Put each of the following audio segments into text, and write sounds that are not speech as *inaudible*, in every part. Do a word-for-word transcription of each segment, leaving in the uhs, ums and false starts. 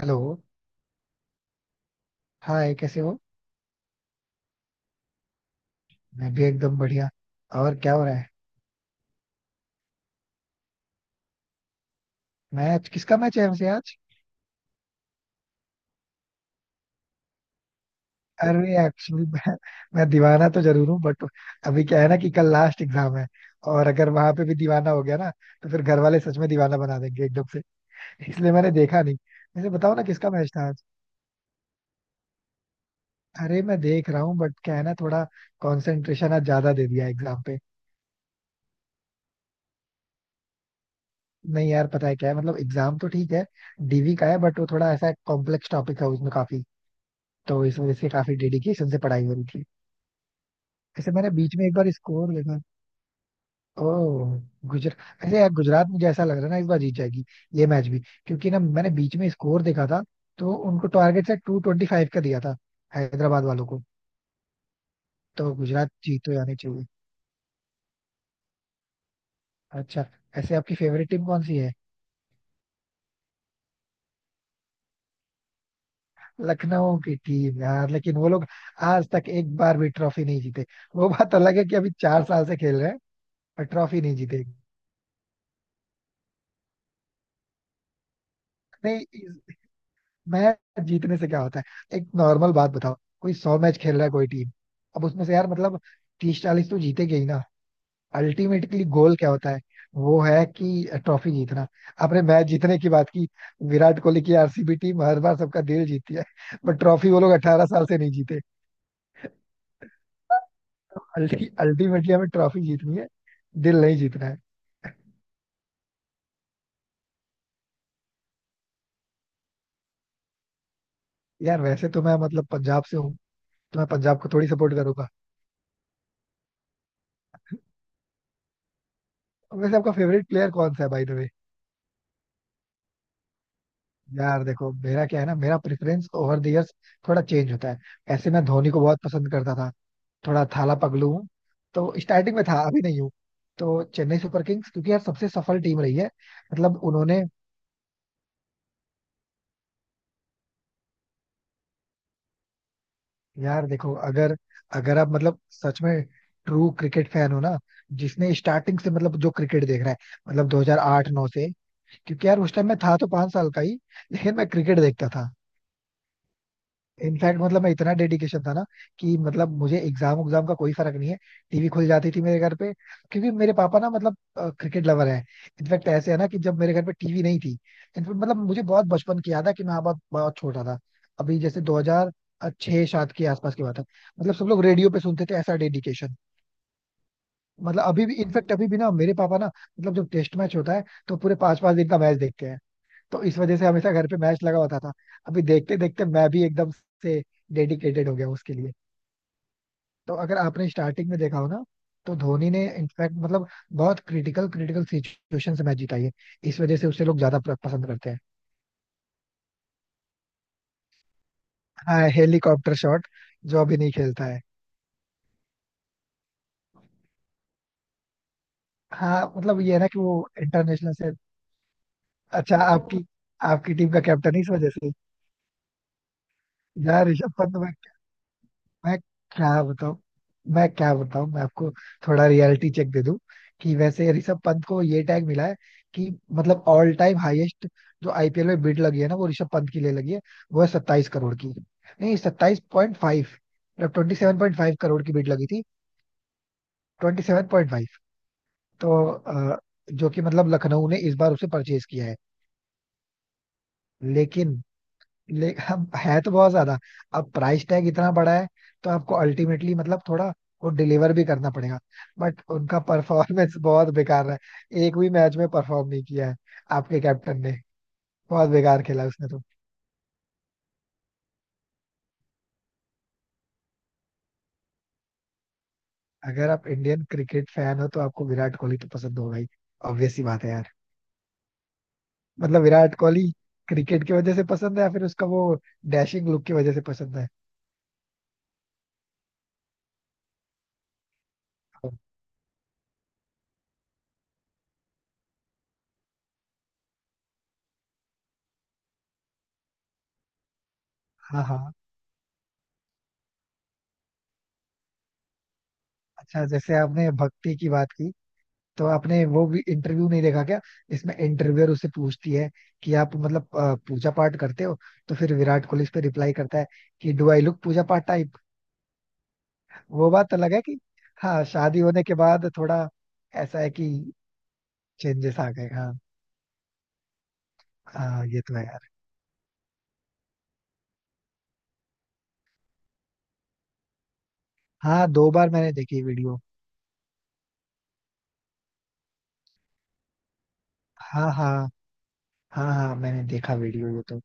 Hello. Hi, कैसे हो? मैं भी एकदम बढ़िया। और क्या हो रहा है? मैच किसका मैच है वैसे आज? अरे एक्चुअली मैं, मैं दीवाना तो जरूर हूँ, बट अभी क्या है ना कि कल लास्ट एग्जाम है, और अगर वहां पे भी दीवाना हो गया ना, तो फिर घर वाले सच में दीवाना बना देंगे एकदम से। इसलिए मैंने देखा नहीं। वैसे बताओ ना किसका मैच था आज। अरे मैं देख रहा हूँ बट क्या है ना, थोड़ा कंसंट्रेशन आज ज्यादा दे दिया एग्जाम पे। नहीं यार, पता है क्या है, मतलब एग्जाम तो ठीक है, डीवी का है, बट वो थोड़ा ऐसा कॉम्प्लेक्स टॉपिक है, उसमें काफी, तो इस वजह से काफी डेडिकेशन से पढ़ाई हो रही थी। ऐसे मैंने बीच में एक बार स्कोर देखा। ओह। गुजरात, ऐसे यार गुजरात मुझे ऐसा लग रहा है ना इस बार जीत जाएगी, ये मैच भी। क्योंकि ना मैंने बीच में स्कोर देखा था, तो उनको टारगेट से टू ट्वेंटी फाइव का दिया था, हैदराबाद वालों को। तो गुजरात जीत तो जानी चाहिए। अच्छा, ऐसे आपकी फेवरेट टीम कौन सी है? लखनऊ की टीम? यार लेकिन वो लोग आज तक एक बार भी ट्रॉफी नहीं जीते। वो बात अलग है कि अभी चार साल से खेल रहे हैं, पर ट्रॉफी नहीं जीते। नहीं, मैच जीतने से क्या होता है? एक नॉर्मल बात बताओ, कोई सौ मैच खेल रहा है कोई टीम, अब उसमें से यार मतलब तीस चालीस तो जीतेगी ही ना। अल्टीमेटली गोल क्या होता है? वो है कि ट्रॉफी जीतना। आपने मैच जीतने की बात की, विराट कोहली की आरसीबी टीम हर बार सबका दिल जीतती है, बट ट्रॉफी वो लोग अठारह साल से नहीं जीते। अल्टीमेटली हमें ट्रॉफी जीतनी है, दिल नहीं जीतना है। यार वैसे तो मैं मतलब पंजाब से हूँ, तो मैं पंजाब को थोड़ी सपोर्ट करूंगा। वैसे आपका फेवरेट प्लेयर कौन सा है भाई द वे? यार देखो मेरा क्या है ना, मेरा प्रेफरेंस ओवर द इयर्स थोड़ा चेंज होता है। ऐसे मैं धोनी को बहुत पसंद करता था, थोड़ा थाला पगलू हूँ, तो स्टार्टिंग में था, अभी नहीं हूँ। तो चेन्नई सुपर किंग्स, क्योंकि यार सबसे सफल टीम रही है। मतलब उन्होंने, यार देखो अगर अगर आप मतलब सच में ट्रू क्रिकेट फैन हो ना, जिसने स्टार्टिंग से मतलब जो क्रिकेट देख रहा है, मतलब दो हज़ार आठ-नाइन से। क्योंकि यार उस टाइम मैं था तो पांच साल का ही, लेकिन मैं क्रिकेट देखता था। इनफैक्ट मतलब मैं इतना डेडिकेशन था ना कि मतलब मुझे एग्जाम उग्जाम का कोई फर्क नहीं है, टीवी खुल जाती थी मेरे घर पे, क्योंकि मेरे पापा ना, मतलब क्रिकेट लवर है। इनफैक्ट ऐसे है ना कि जब मेरे घर पे टीवी नहीं थी, इनफैक्ट मतलब मुझे बहुत बचपन की याद है कि मैं बहुत बहुत छोटा था, अभी जैसे दो हज़ार छह सात के आसपास की बात है, मतलब सब लोग रेडियो पे सुनते थे, ऐसा डेडिकेशन। मतलब अभी भी, इनफैक्ट अभी भी ना मेरे पापा ना, मतलब जब टेस्ट मैच होता है तो पूरे पांच पांच दिन का मैच देखते हैं, तो इस वजह से हमेशा घर पे मैच लगा होता था। अभी देखते देखते मैं भी एकदम से डेडिकेटेड हो गया उसके लिए। तो अगर आपने स्टार्टिंग में देखा हो ना, तो धोनी ने इनफैक्ट मतलब बहुत क्रिटिकल क्रिटिकल सिचुएशन से मैच जीता है, इस वजह से उसे लोग ज्यादा प- पसंद करते हैं। हाँ हेलीकॉप्टर शॉट, जो अभी नहीं खेलता है। हाँ मतलब ये है ना कि वो इंटरनेशनल से। अच्छा, आपकी आपकी टीम का कैप्टन इस वजह से? यार ऋषभ पंत, मैं क्या बताऊं मैं क्या बताऊं मैं आपको थोड़ा रियलिटी चेक दे दूं, कि वैसे ऋषभ पंत को ये टैग मिला है, कि मतलब ऑल टाइम हाईएस्ट जो आईपीएल में बिड लगी है ना, वो ऋषभ पंत की लिए लगी है। वो है सत्ताईस करोड़ की। नहीं, सत्ताईस पॉइंट फाइव, मतलब twenty seven point five crore की बिड लगी थी। Twenty seven point five. तो अ, जो कि मतलब लखनऊ ने इस बार उसे परचेज किया है। लेकिन ले, अब है तो बहुत ज्यादा, अब प्राइस टैग इतना बड़ा है, तो आपको अल्टीमेटली मतलब थोड़ा वो डिलीवर भी करना पड़ेगा। बट उनका परफॉर्मेंस *laughs* बहुत बेकार है, एक भी मैच में परफॉर्म नहीं किया है आपके कैप्टन ने, बहुत बेकार खेला उसने तो। अगर आप इंडियन क्रिकेट फैन हो तो आपको विराट कोहली तो पसंद होगा ही, ऑब्वियस सी बात है यार। मतलब विराट कोहली क्रिकेट की वजह से पसंद है या फिर उसका वो डैशिंग लुक की वजह से पसंद है? हाँ हाँ। अच्छा, जैसे आपने भक्ति की बात की, तो आपने वो भी इंटरव्यू नहीं देखा क्या? इसमें इंटरव्यूअर उससे पूछती है कि आप मतलब अ, पूजा पाठ करते हो, तो फिर विराट कोहली इस पे रिप्लाई करता है कि डू आई लुक पूजा पाठ टाइप। वो बात अलग है कि, हाँ, शादी होने के बाद थोड़ा, ऐसा है कि, चेंजेस आ गए हाँ। हाँ ये तो है यार। हाँ, दो बार मैंने देखी वीडियो। हाँ हाँ। हाँ हाँ मैंने देखा वीडियो, ये तो।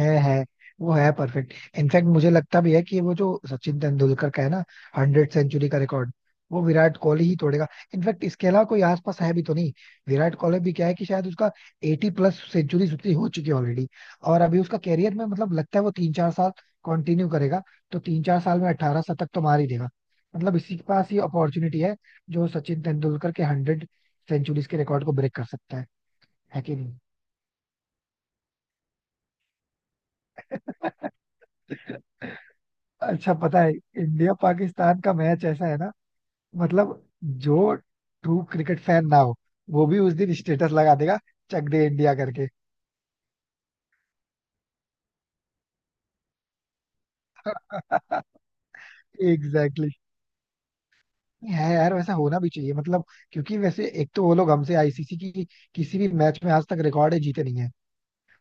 है है वो है परफेक्ट। इनफैक्ट मुझे लगता भी है कि वो जो सचिन तेंदुलकर का है ना, हंड्रेड सेंचुरी का रिकॉर्ड, वो विराट कोहली ही तोड़ेगा। इनफैक्ट इसके अलावा कोई आसपास है भी तो नहीं। विराट कोहली भी क्या है कि शायद उसका एटी प्लस सेंचुरी उतनी हो चुकी है ऑलरेडी, और अभी उसका कैरियर में मतलब लगता है वो तीन चार साल कंटिन्यू करेगा, तो तीन चार साल में अठारह शतक तो मार ही देगा। मतलब इसी के पास ही अपॉर्चुनिटी है, जो सचिन तेंदुलकर के हंड्रेड सेंचुरीज के रिकॉर्ड को ब्रेक कर सकता है। है कि नहीं? *laughs* अच्छा पता है, इंडिया पाकिस्तान का मैच ऐसा है ना, मतलब जो ट्रू क्रिकेट फैन ना हो वो भी उस दिन स्टेटस लगा देगा, चक दे इंडिया करके। *laughs* Exactly, exactly. है यार, वैसा होना भी चाहिए मतलब, क्योंकि वैसे एक तो वो लोग हमसे आईसीसी की किसी भी मैच में आज तक रिकॉर्ड है, जीते नहीं है।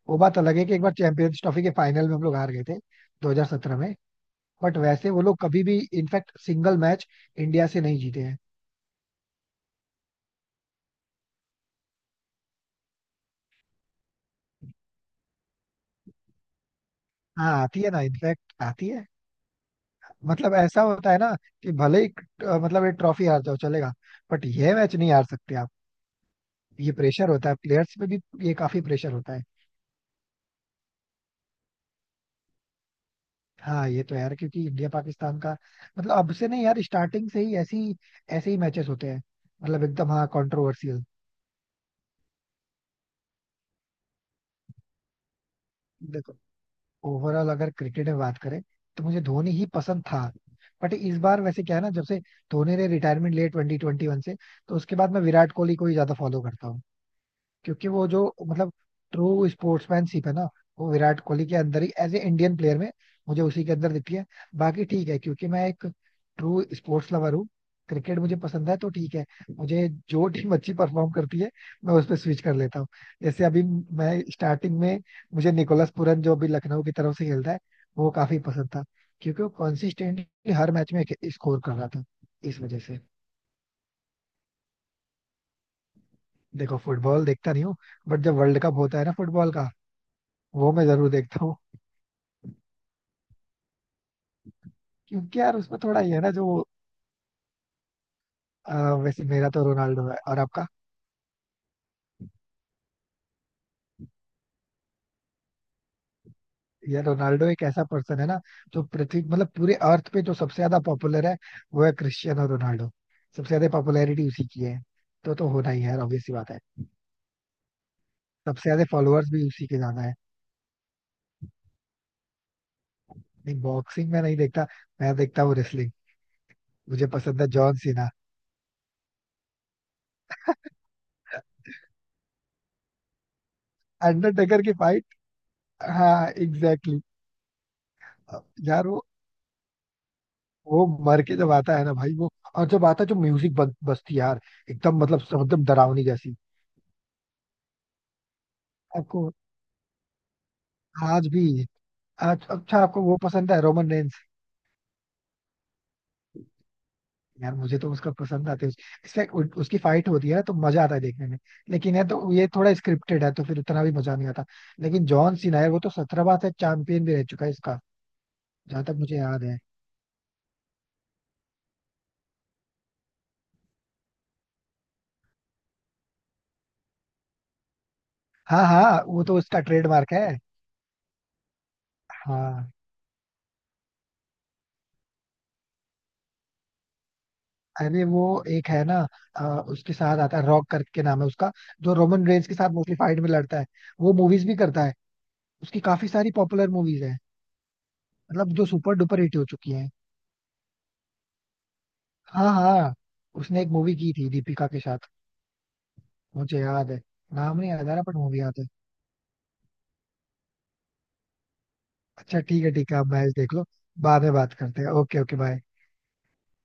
वो बात अलग है कि एक बार चैंपियंस ट्रॉफी के फाइनल में हम लोग हार गए थे दो हज़ार सत्रह में, बट वैसे वो लोग कभी भी इनफैक्ट सिंगल मैच इंडिया से नहीं जीते हैं। हाँ आती है ना, इनफैक्ट आती है। मतलब ऐसा होता है ना, कि भले ही अ, मतलब ये ट्रॉफी हार जाओ चलेगा, बट ये मैच नहीं हार सकते आप। ये प्रेशर होता है प्लेयर्स पे भी, ये काफी प्रेशर होता है। हाँ ये तो यार, क्योंकि इंडिया पाकिस्तान का मतलब अब से नहीं यार, स्टार्टिंग से ही ऐसी, ऐसे ही मैचेस होते हैं, मतलब एकदम हाँ कंट्रोवर्सियल। देखो ओवरऑल अगर क्रिकेट में बात करें तो मुझे धोनी ही पसंद था, बट इस बार वैसे क्या है ना जब से धोनी ने रिटायरमेंट लिया ट्वेंटी ट्वेंटी वन से, तो उसके बाद मैं विराट कोहली को ही ज्यादा फॉलो करता हूँ। क्योंकि वो जो मतलब ट्रू स्पोर्ट्समैनशिप है ना, वो विराट कोहली के अंदर ही एज ए इंडियन प्लेयर में, मुझे उसी के अंदर दिखती है। बाकी ठीक है, क्योंकि मैं एक ट्रू स्पोर्ट्स लवर हूँ, क्रिकेट मुझे पसंद है तो ठीक है, मुझे जो टीम अच्छी परफॉर्म करती है मैं उस पर स्विच कर लेता हूँ। जैसे अभी मैं स्टार्टिंग में, मुझे निकोलस पूरन, जो अभी लखनऊ की तरफ से खेलता है, वो काफी पसंद था, क्योंकि वो कंसिस्टेंटली हर मैच में स्कोर कर रहा था, इस वजह से। देखो फुटबॉल देखता नहीं हूँ, बट जब वर्ल्ड कप होता है ना फुटबॉल का, वो मैं जरूर देखता हूँ। क्योंकि यार उसमें थोड़ा ये है ना, जो आ, वैसे मेरा तो रोनाल्डो है, और आपका? ये रोनाल्डो एक ऐसा पर्सन है ना, जो पृथ्वी मतलब पूरे अर्थ पे जो सबसे ज्यादा पॉपुलर है, वो है क्रिस्टियानो रोनाल्डो। सबसे ज्यादा पॉपुलैरिटी उसी की है, तो तो होना ही है यार, ऑब्वियस सी बात है। सबसे ज्यादा फॉलोअर्स भी उसी के ज्यादा है। नहीं बॉक्सिंग में नहीं देखता, मैं देखता हूँ रेसलिंग। मुझे पसंद है जॉन सीना। अंडरटेकर की फाइट, हाँ एग्जैक्टली, exactly. यार वो वो मर के जब आता है ना भाई, वो और जब आता है जो म्यूजिक बज, बजती है यार, एकदम मतलब एकदम डरावनी जैसी। आपको आज भी? आज अच्छा, आपको वो पसंद है रोमन रेंस? यार मुझे तो उसका पसंद आते हैं। इसका उ- उसकी फाइट होती है ना तो मजा आता है देखने में, लेकिन है तो ये थोड़ा स्क्रिप्टेड है, तो फिर उतना भी मजा नहीं आता। लेकिन जॉन सीना है, वो तो सत्रह बार से चैंपियन भी रह चुका है इसका, जहां तक मुझे याद है। हाँ हाँ, वो तो उसका ट्रेडमार्क है। हाँ अरे वो एक है ना, अ, उसके साथ आता है रॉक करके नाम है उसका, जो रोमन रेंस के साथ मोस्टली फाइट में लड़ता है, वो मूवीज भी करता है। उसकी काफी सारी पॉपुलर मूवीज है, मतलब जो सुपर डुपर हिट हो चुकी हैं। हाँ हाँ, उसने एक मूवी की थी दीपिका के साथ, मुझे याद है, नाम नहीं याद आ रहा बट मूवी याद है। अच्छा ठीक है, ठीक है आप मैच देख लो, बाद में बात करते हैं। Okay okay bye.